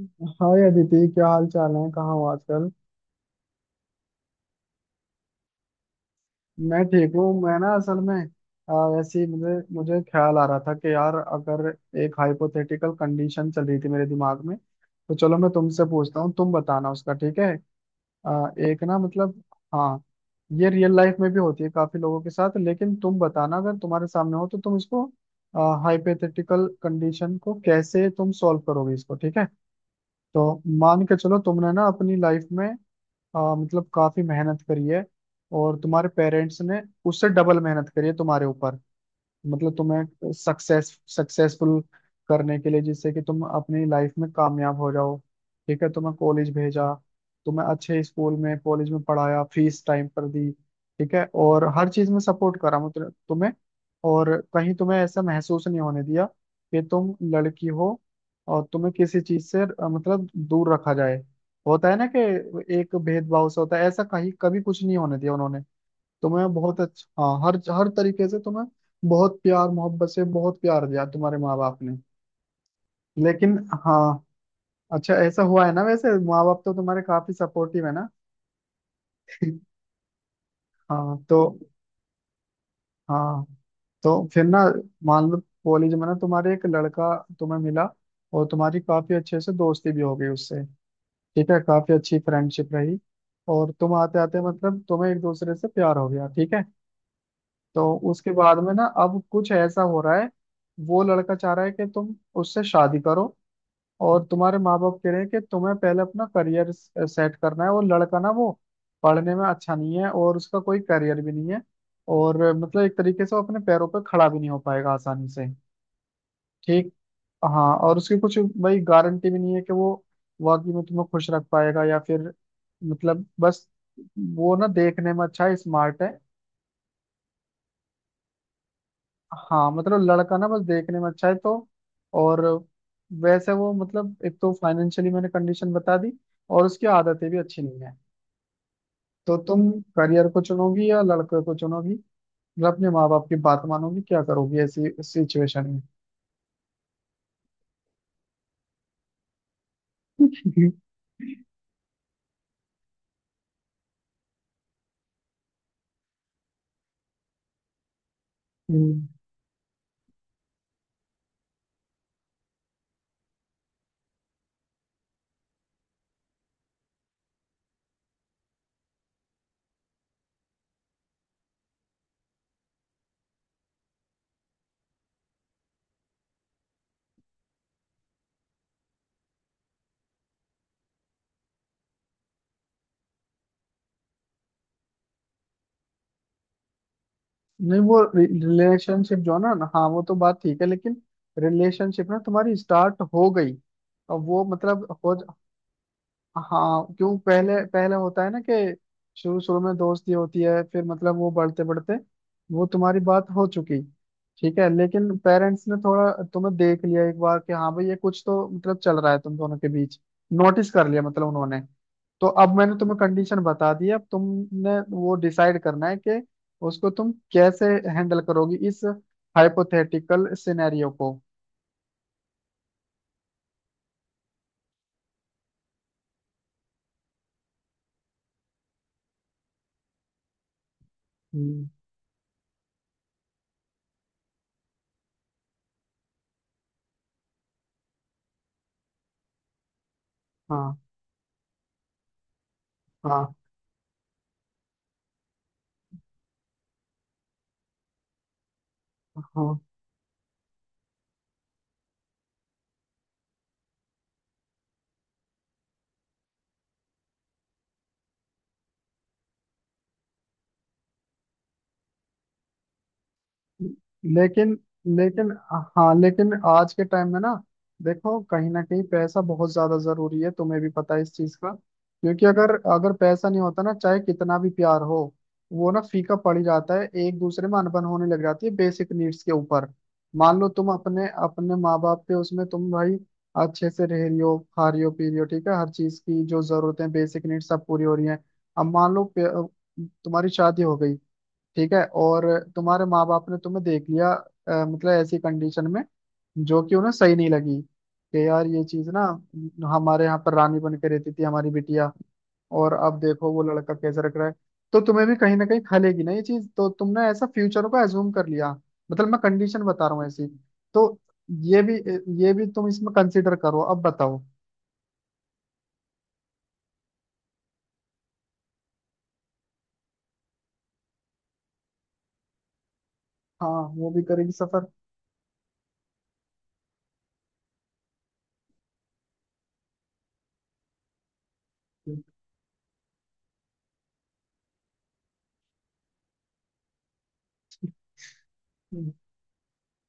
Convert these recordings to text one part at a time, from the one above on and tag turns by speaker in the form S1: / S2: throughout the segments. S1: हाय अदिति, क्या हाल चाल है? कहाँ हो आजकल? मैं ठीक हूँ। मैं ना असल में ऐसे ही मुझे मुझे ख्याल आ रहा था कि यार, अगर एक हाइपोथेटिकल कंडीशन चल रही थी मेरे दिमाग में, तो चलो मैं तुमसे पूछता हूँ, तुम बताना उसका। ठीक है? एक ना, मतलब हाँ, ये रियल लाइफ में भी होती है काफी लोगों के साथ, लेकिन तुम बताना अगर तुम्हारे सामने हो तो तुम इसको, हाइपोथेटिकल कंडीशन को कैसे तुम सॉल्व करोगे इसको। ठीक है? तो मान के चलो तुमने ना अपनी लाइफ में मतलब काफी मेहनत करी है, और तुम्हारे पेरेंट्स ने उससे डबल मेहनत करी है तुम्हारे ऊपर। मतलब तुम्हें सक्सेसफुल करने के लिए, जिससे कि तुम अपनी लाइफ में कामयाब हो जाओ। ठीक है? तुम्हें कॉलेज भेजा, तुम्हें अच्छे स्कूल में, कॉलेज में पढ़ाया, फीस टाइम पर दी। ठीक है? और हर चीज में सपोर्ट करा, मतलब तुम्हें। और कहीं तुम्हें ऐसा महसूस नहीं होने दिया कि तुम लड़की हो और तुम्हें किसी चीज से मतलब दूर रखा जाए। होता है ना कि एक भेदभाव सा होता है, ऐसा कहीं कभी कुछ नहीं होने दिया उन्होंने। तुम्हें बहुत अच्छा, हाँ, हर हर तरीके से तुम्हें बहुत प्यार मोहब्बत से, बहुत प्यार दिया तुम्हारे माँ बाप ने। लेकिन, हाँ, अच्छा ऐसा हुआ है ना? वैसे माँ बाप तो तुम्हारे काफी सपोर्टिव है ना। हाँ तो, हाँ तो फिर ना, मान लो कॉलेज में ना तुम्हारे एक लड़का तुम्हें मिला, और तुम्हारी काफी अच्छे से दोस्ती भी हो गई उससे। ठीक है? काफी अच्छी फ्रेंडशिप रही, और तुम आते आते मतलब तुम्हें एक दूसरे से प्यार हो गया। ठीक है? तो उसके बाद में ना अब कुछ ऐसा हो रहा है, वो लड़का चाह रहा है कि तुम उससे शादी करो, और तुम्हारे माँ बाप कह रहे हैं कि तुम्हें पहले अपना करियर सेट करना है। और लड़का ना वो पढ़ने में अच्छा नहीं है, और उसका कोई करियर भी नहीं है। और मतलब एक तरीके से वो अपने पैरों पर खड़ा भी नहीं हो पाएगा आसानी से। ठीक। हाँ, और उसकी कुछ भाई गारंटी भी नहीं है कि वो वाकई में तुम्हें खुश रख पाएगा, या फिर मतलब बस वो ना देखने में अच्छा है, स्मार्ट है। हाँ मतलब लड़का ना बस देखने में अच्छा है तो। और वैसे वो मतलब एक तो फाइनेंशियली मैंने कंडीशन बता दी, और उसकी आदतें भी अच्छी नहीं है। तो तुम करियर को चुनोगी या लड़के को चुनोगी? मतलब अपने माँ बाप की बात मानोगी? क्या करोगी ऐसी सिचुएशन में? हम्म। नहीं वो रिलेशनशिप जो है ना, हाँ, वो तो बात ठीक है, लेकिन रिलेशनशिप ना तुम्हारी स्टार्ट हो गई, अब वो मतलब हो। हाँ, क्यों पहले पहले होता है ना कि शुरू शुरू में दोस्ती होती है, फिर मतलब वो बढ़ते बढ़ते वो तुम्हारी बात हो चुकी। ठीक है? लेकिन पेरेंट्स ने थोड़ा तुम्हें देख लिया एक बार कि हाँ भाई ये कुछ तो मतलब चल रहा है तुम दोनों के बीच, नोटिस कर लिया मतलब उन्होंने। तो अब मैंने तुम्हें कंडीशन बता दी है, अब तुमने वो डिसाइड करना है कि उसको तुम कैसे हैंडल करोगी इस हाइपोथेटिकल सिनेरियो को। हम्म, हाँ, हाँ, हाँ। लेकिन लेकिन हाँ, लेकिन आज के टाइम में ना देखो कहीं ना कहीं पैसा बहुत ज्यादा जरूरी है, तुम्हें भी पता है इस चीज का। क्योंकि अगर अगर पैसा नहीं होता ना, चाहे कितना भी प्यार हो वो ना फीका पड़ ही जाता है, एक दूसरे में अनबन होने लग जाती है बेसिक नीड्स के ऊपर। मान लो तुम अपने अपने माँ बाप के उसमें, तुम भाई अच्छे से रह रही हो, खा रही हो, पी रही हो, ठीक है, हर चीज की जो जरूरतें, बेसिक नीड्स, सब पूरी हो रही हैं। अब मान लो तुम्हारी शादी हो गई। ठीक है? और तुम्हारे माँ बाप ने तुम्हें देख लिया मतलब ऐसी कंडीशन में जो कि उन्हें सही नहीं लगी, कि यार ये चीज ना, हमारे यहाँ पर रानी बन के रहती थी हमारी बिटिया, और अब देखो वो लड़का कैसे रख रहा है। तो तुम्हें भी कहीं ना कहीं खलेगी ना ये चीज, तो तुमने ऐसा फ्यूचर को एज्यूम कर लिया। मतलब मैं कंडीशन बता रहा हूँ ऐसी। तो ये भी, ये भी तुम इसमें कंसिडर करो, अब बताओ। हाँ वो भी करेगी सफर।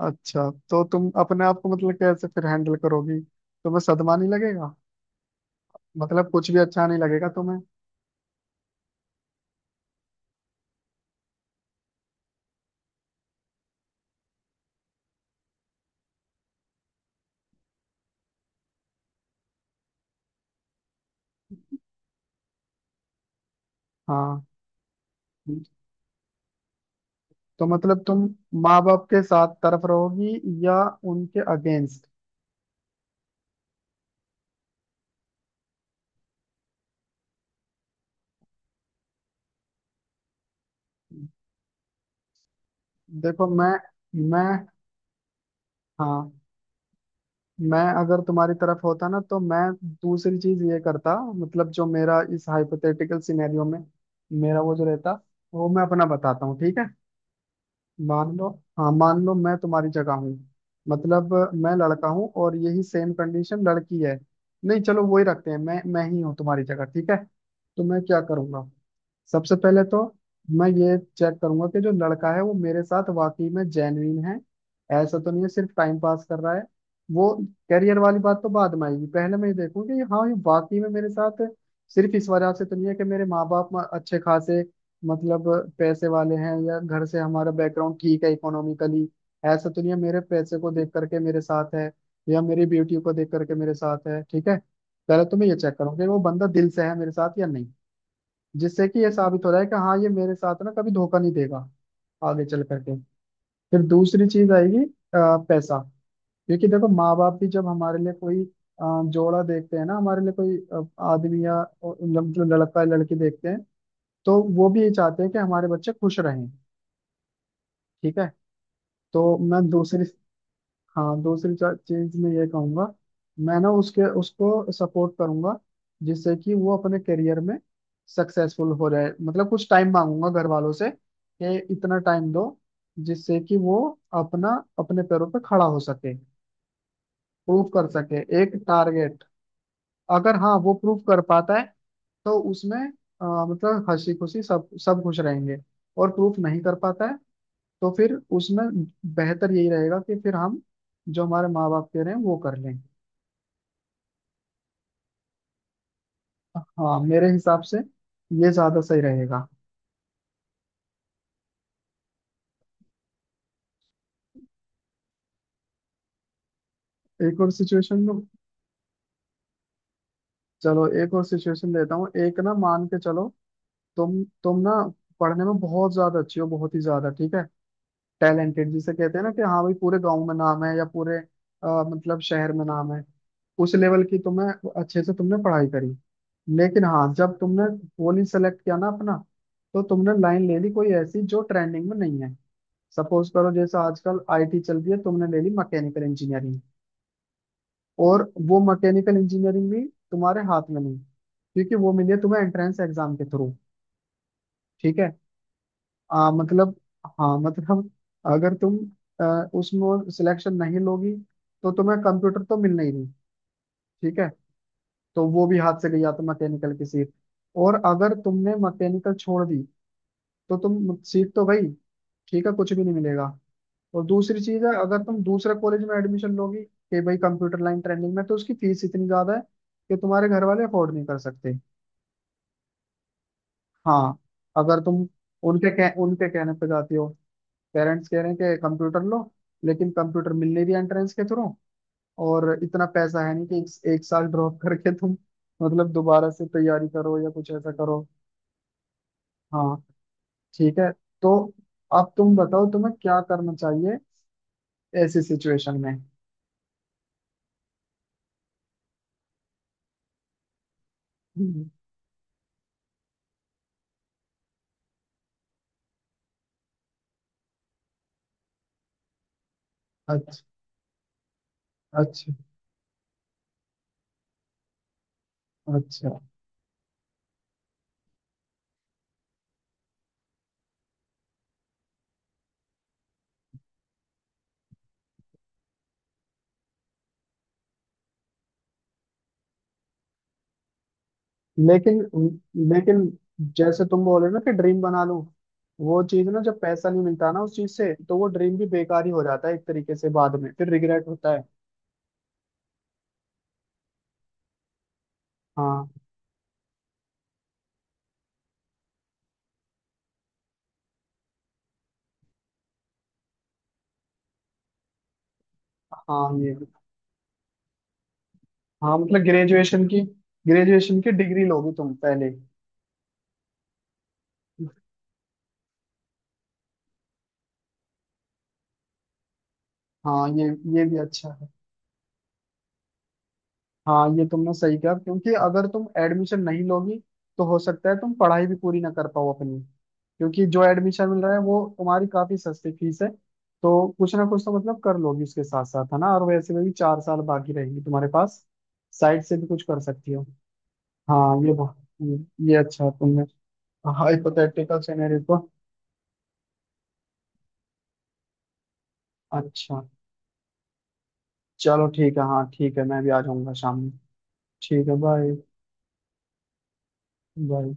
S1: अच्छा तो तुम अपने आप को मतलब कैसे फिर हैंडल करोगी? तुम्हें सदमा नहीं लगेगा? मतलब कुछ भी अच्छा नहीं लगेगा तुम्हें? हाँ तो मतलब तुम माँ बाप के साथ तरफ रहोगी या उनके अगेंस्ट? देखो मैं हाँ, मैं अगर तुम्हारी तरफ होता ना, तो मैं दूसरी चीज ये करता। मतलब जो मेरा इस हाइपोथेटिकल सिनेरियो में, मेरा वो जो रहता, वो मैं अपना बताता हूँ। ठीक है? मान लो, हाँ मान लो मैं तुम्हारी जगह हूँ, मतलब मैं लड़का हूँ और यही सेम कंडीशन लड़की है। नहीं चलो वही रखते हैं, मैं ही हूँ तुम्हारी जगह। ठीक है? तो मैं क्या करूँगा? सबसे पहले तो मैं ये चेक करूंगा कि जो लड़का है वो मेरे साथ वाकई में जेन्युइन है, ऐसा तो नहीं है सिर्फ टाइम पास कर रहा है वो। करियर वाली बात तो बाद में आएगी, पहले मैं ये देखूँ कि हाँ ये वाकई में मेरे साथ सिर्फ इस वजह से तो नहीं है कि मेरे माँ बाप अच्छे खासे, मतलब पैसे वाले हैं, या घर से हमारा बैकग्राउंड ठीक है इकोनॉमिकली, ऐसा तो नहीं है मेरे पैसे को देख करके मेरे साथ है, या मेरी ब्यूटी को देख करके मेरे साथ है। ठीक है? पहले तो मैं ये चेक करूँ कि वो बंदा दिल से है मेरे साथ या नहीं, जिससे कि ये साबित हो रहा है कि हाँ ये मेरे साथ ना कभी धोखा नहीं देगा आगे चल करके। फिर दूसरी चीज आएगी पैसा। क्योंकि देखो माँ बाप भी जब हमारे लिए कोई जोड़ा देखते हैं ना, हमारे लिए कोई आदमी या मतलब लड़का या लड़की देखते हैं, तो वो भी ये चाहते हैं कि हमारे बच्चे खुश रहें। ठीक है? तो मैं दूसरी, हाँ दूसरी चीज में ये कहूंगा, मैं ना उसके उसको सपोर्ट करूंगा, जिससे कि वो अपने करियर में सक्सेसफुल हो जाए। मतलब कुछ टाइम मांगूंगा घर वालों से कि इतना टाइम दो, जिससे कि वो अपना अपने पैरों पे खड़ा हो सके, प्रूव कर सके एक टारगेट। अगर हाँ वो प्रूव कर पाता है, तो उसमें मतलब हंसी खुशी सब सब खुश रहेंगे। और प्रूफ नहीं कर पाता है, तो फिर उसमें बेहतर यही रहेगा कि फिर हम जो हमारे माँ बाप कह रहे हैं वो कर लें। हाँ मेरे हिसाब से ये ज्यादा सही रहेगा। एक और सिचुएशन दो। चलो एक और सिचुएशन देता हूँ। एक ना, मान के चलो, तुम ना पढ़ने में बहुत ज्यादा अच्छी हो, बहुत ही ज्यादा। ठीक है? टैलेंटेड जिसे कहते हैं ना, कि हाँ भाई पूरे गांव में नाम है, या पूरे मतलब शहर में नाम है। उस लेवल की तुम्हें, अच्छे से तुमने पढ़ाई करी। लेकिन हाँ, जब तुमने पोली सेलेक्ट किया ना अपना, तो तुमने लाइन ले ली कोई ऐसी जो ट्रेंडिंग में नहीं है। सपोज करो जैसे आजकल आईटी चल रही है, तुमने ले ली मैकेनिकल इंजीनियरिंग। और वो मैकेनिकल इंजीनियरिंग भी तुम्हारे हाथ में नहीं, क्योंकि वो मिली है तुम्हें एंट्रेंस एग्जाम के थ्रू। ठीक है? मतलब, हाँ मतलब अगर तुम उसमें सिलेक्शन नहीं लोगी, तो तुम्हें कंप्यूटर तो मिलना ही नहीं। ठीक है? तो वो भी हाथ से गई, या तो मैकेनिकल की सीट। और अगर तुमने मैकेनिकल छोड़ दी, तो तुम सीट तो भाई, ठीक है, कुछ भी नहीं मिलेगा। और दूसरी चीज है अगर तुम दूसरे कॉलेज में एडमिशन लोगी कि भाई कंप्यूटर लाइन ट्रेनिंग में, तो उसकी फीस इतनी ज्यादा है कि तुम्हारे घर वाले अफोर्ड नहीं कर सकते। हाँ, अगर तुम उनके कहने पे जाती हो, पेरेंट्स कह रहे हैं कि कंप्यूटर लो, लेकिन कंप्यूटर मिल नहीं रही एंट्रेंस के थ्रू। और इतना पैसा है नहीं कि एक साल ड्रॉप करके तुम मतलब दोबारा से तैयारी करो या कुछ ऐसा करो। हाँ, ठीक है। तो अब तुम बताओ तुम्हें क्या करना चाहिए ऐसी सिचुएशन में। हम्म। अच्छा, अच्छा, अच्छा। लेकिन लेकिन जैसे तुम बोल रहे हो ना कि ड्रीम बना लूं, वो चीज ना जब पैसा नहीं मिलता ना उस चीज से, तो वो ड्रीम भी बेकार ही हो जाता है एक तरीके से, बाद में फिर रिग्रेट होता है। हाँ, हाँ, ये हाँ मतलब ग्रेजुएशन की, ग्रेजुएशन की डिग्री लोगे तुम पहले। हाँ ये भी अच्छा है। हाँ ये तुमने सही कहा, क्योंकि अगर तुम एडमिशन नहीं लोगी, तो हो सकता है तुम पढ़ाई भी पूरी ना कर पाओ अपनी। क्योंकि जो एडमिशन मिल रहा है वो तुम्हारी काफी सस्ती फीस है, तो कुछ ना कुछ तो मतलब कर लोगी उसके साथ साथ, है ना? और वैसे में भी 4 साल बाकी रहेंगे तुम्हारे पास, साइड से भी कुछ कर सकती हो। हाँ ये बहुत- ये ये अच्छा है तुमने हाइपोथेटिकल सिनेरियो को। अच्छा, चलो ठीक है, हाँ ठीक है, मैं भी आ जाऊंगा शाम में। ठीक है, बाय। बाय।